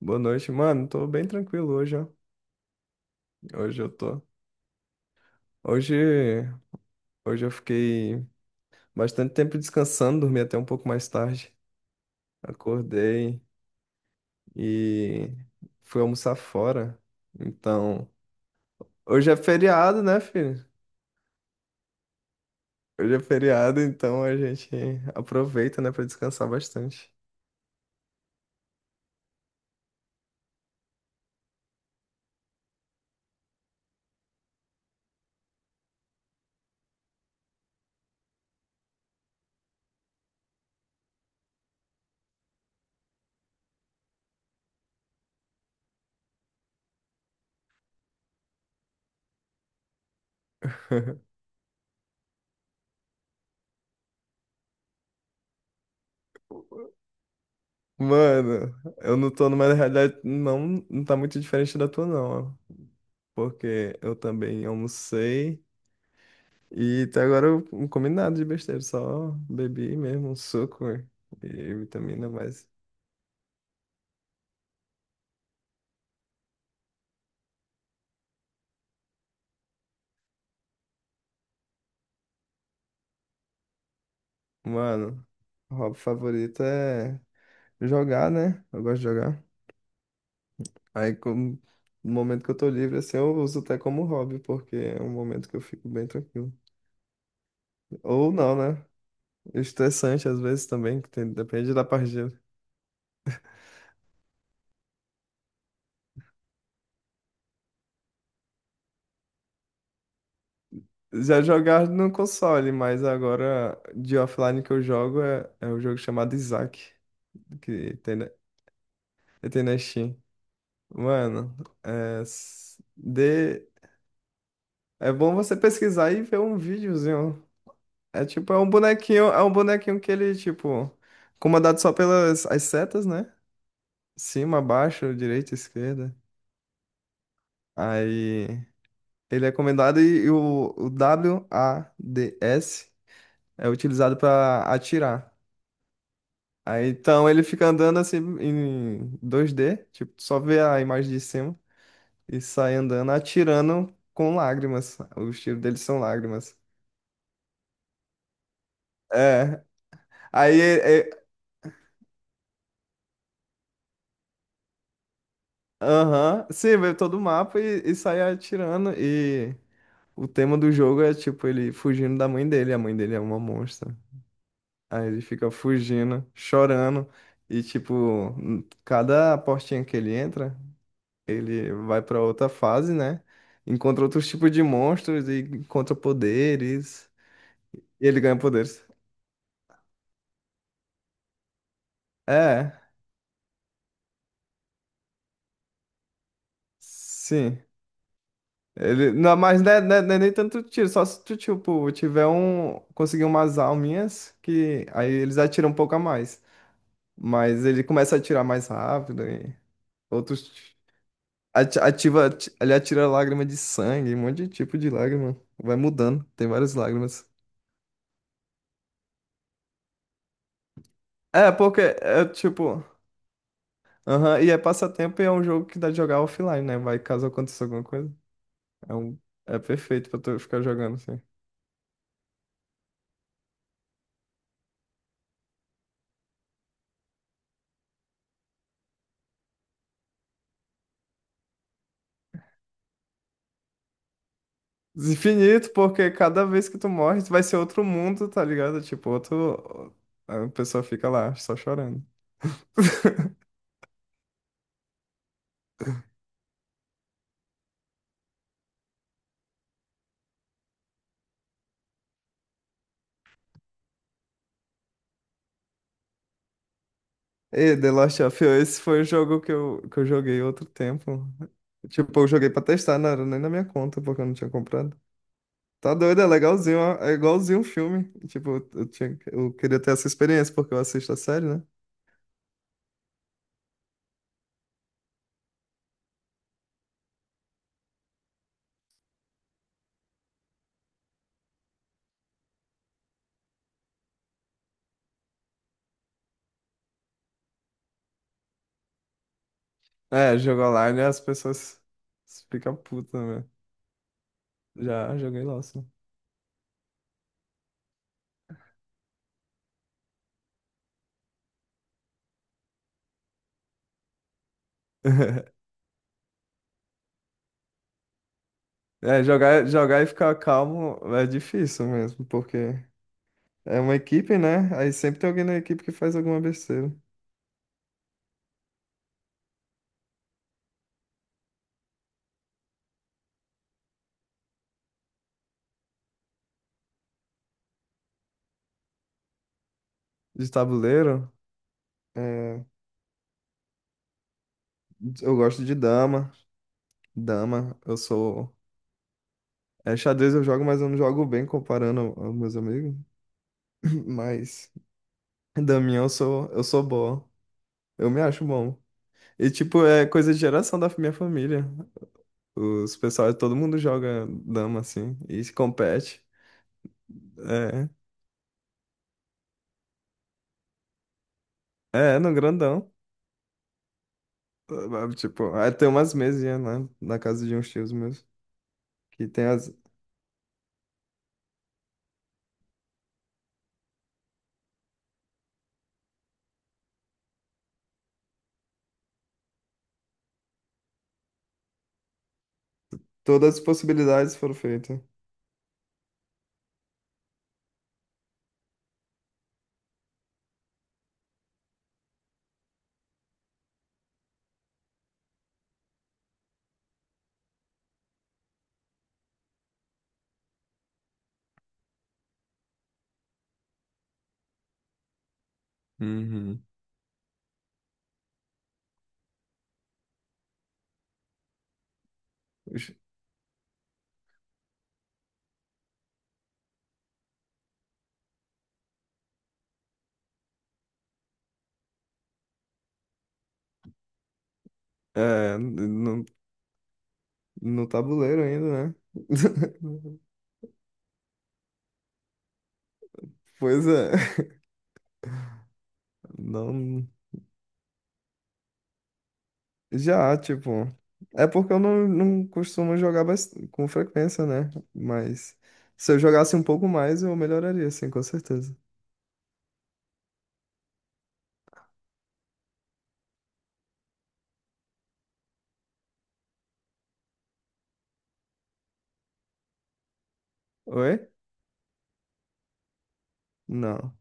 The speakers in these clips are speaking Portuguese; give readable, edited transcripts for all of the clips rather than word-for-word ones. Boa noite, mano. Tô bem tranquilo hoje, ó. Hoje eu tô. Hoje, hoje eu fiquei bastante tempo descansando, dormi até um pouco mais tarde. Acordei e fui almoçar fora. Então, hoje é feriado, né, filho? Hoje é feriado, então a gente aproveita, né, pra descansar bastante. Mano, eu não tô numa realidade, não, não tá muito diferente da tua, não, ó. Porque eu também almocei. E até agora eu não comi nada de besteira, só bebi mesmo, um suco e vitamina, mas, mano, o hobby favorito é jogar, né? Eu gosto de jogar. Aí, como, no momento que eu tô livre, assim, eu uso até como hobby, porque é um momento que eu fico bem tranquilo. Ou não, né? Estressante às vezes também, que depende da partida. Já jogar no console, mas agora de offline que eu jogo é um jogo chamado Isaac, que tem na, que tem na Steam. Mano, é, s- de, é bom você pesquisar e ver um videozinho. É tipo, é um bonequinho que ele, tipo, comandado só pelas as setas, né? Cima, baixo, direita, esquerda. Aí ele é comandado e o W A D s é utilizado para atirar. Aí então ele fica andando assim em 2D, tipo, só vê a imagem de cima e sai andando atirando com lágrimas. Os tiros dele são lágrimas. É. Aí, é, é, aham, Sim, veio todo o mapa e sai atirando. E o tema do jogo é tipo ele fugindo da mãe dele. A mãe dele é uma monstra. Aí ele fica fugindo, chorando. E tipo, cada portinha que ele entra, ele vai pra outra fase, né? Encontra outros tipos de monstros e encontra poderes. E ele ganha poderes. É, sim. Ele, não, mas não é, não é- Não é nem tanto tiro, só se tu, tipo, tiver um, conseguir umas alminhas que aí eles atiram um pouco a mais. Mas ele começa a atirar mais rápido e outros ti- ati- ativa, ati- ele atira lágrima de sangue, um monte de tipo de lágrima. Vai mudando, tem várias lágrimas. É, porque é tipo, aham, e é passatempo e é um jogo que dá de jogar offline, né? Vai caso aconteça alguma coisa. É um, é perfeito pra tu ficar jogando assim. Infinito, porque cada vez que tu morre, tu vai ser outro mundo, tá ligado? Tipo, outro. A pessoa fica lá, só chorando. E The Last of Us, esse foi o jogo que eu joguei outro tempo. Tipo, eu joguei pra testar, não era nem na minha conta, porque eu não tinha comprado. Tá doido, é legalzinho, ó, é igualzinho um filme. Tipo, eu queria ter essa experiência, porque eu assisto a série, né? É, jogo online, as pessoas ficam putas, né? Já joguei LOL, sim. É, jogar e ficar calmo é difícil mesmo, porque é uma equipe, né? Aí sempre tem alguém na equipe que faz alguma besteira. De tabuleiro, é, eu gosto de dama. Dama, eu sou. É, xadrez eu jogo, mas eu não jogo bem comparando aos meus amigos. Mas daminha eu sou bom. Eu me acho bom. E tipo, é coisa de geração da minha família. Os pessoal, todo mundo joga dama assim e se compete. É, no grandão. Sabe? Tipo, aí tem umas mesinhas, né? Na casa de uns tios meus. Que tem as. Todas as possibilidades foram feitas. Uhum. Ux, É, no, no tabuleiro ainda, né? Pois é. Não. Já, tipo. É porque eu não, não costumo jogar com frequência, né? Mas se eu jogasse um pouco mais, eu melhoraria, assim, com certeza. Oi? Não.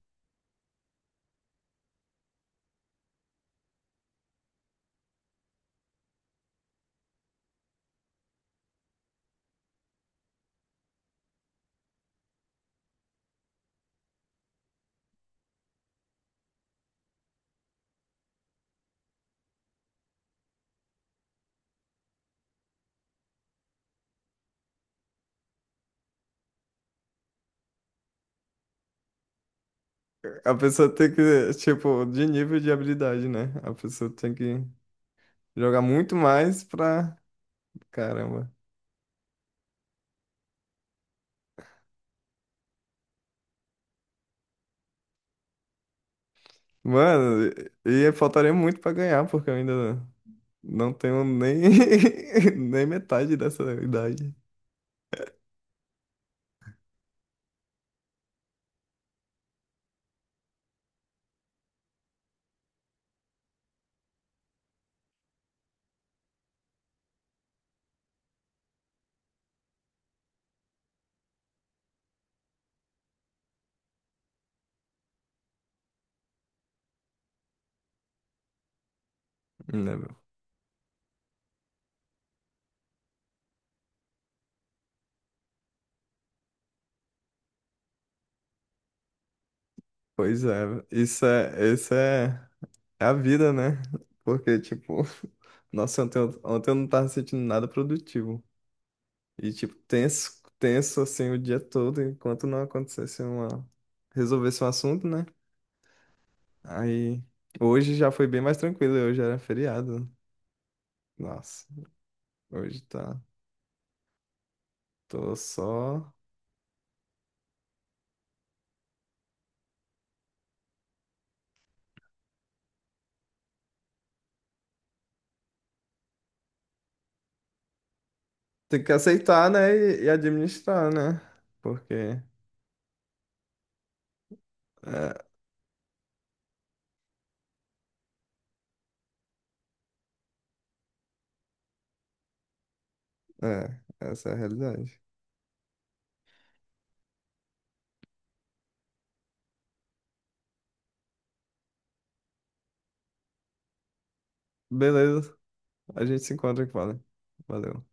A pessoa tem que, tipo, de nível de habilidade, né? A pessoa tem que. Jogar muito mais pra. Caramba. Mano, e faltaria muito pra ganhar, porque eu ainda não tenho nem, nem metade dessa idade. Né, meu? Pois é, isso é, é a vida, né? Porque, tipo, nossa, ontem eu não tava sentindo nada produtivo. E, tipo, tenso assim o dia todo, enquanto não acontecesse uma. Resolvesse um assunto, né? Aí, hoje já foi bem mais tranquilo, hoje era feriado. Nossa. Hoje tá. Tô só. Tem que aceitar, né? E, administrar, né? Porque. É, essa é a realidade. Beleza. A gente se encontra aqui, vale. Valeu.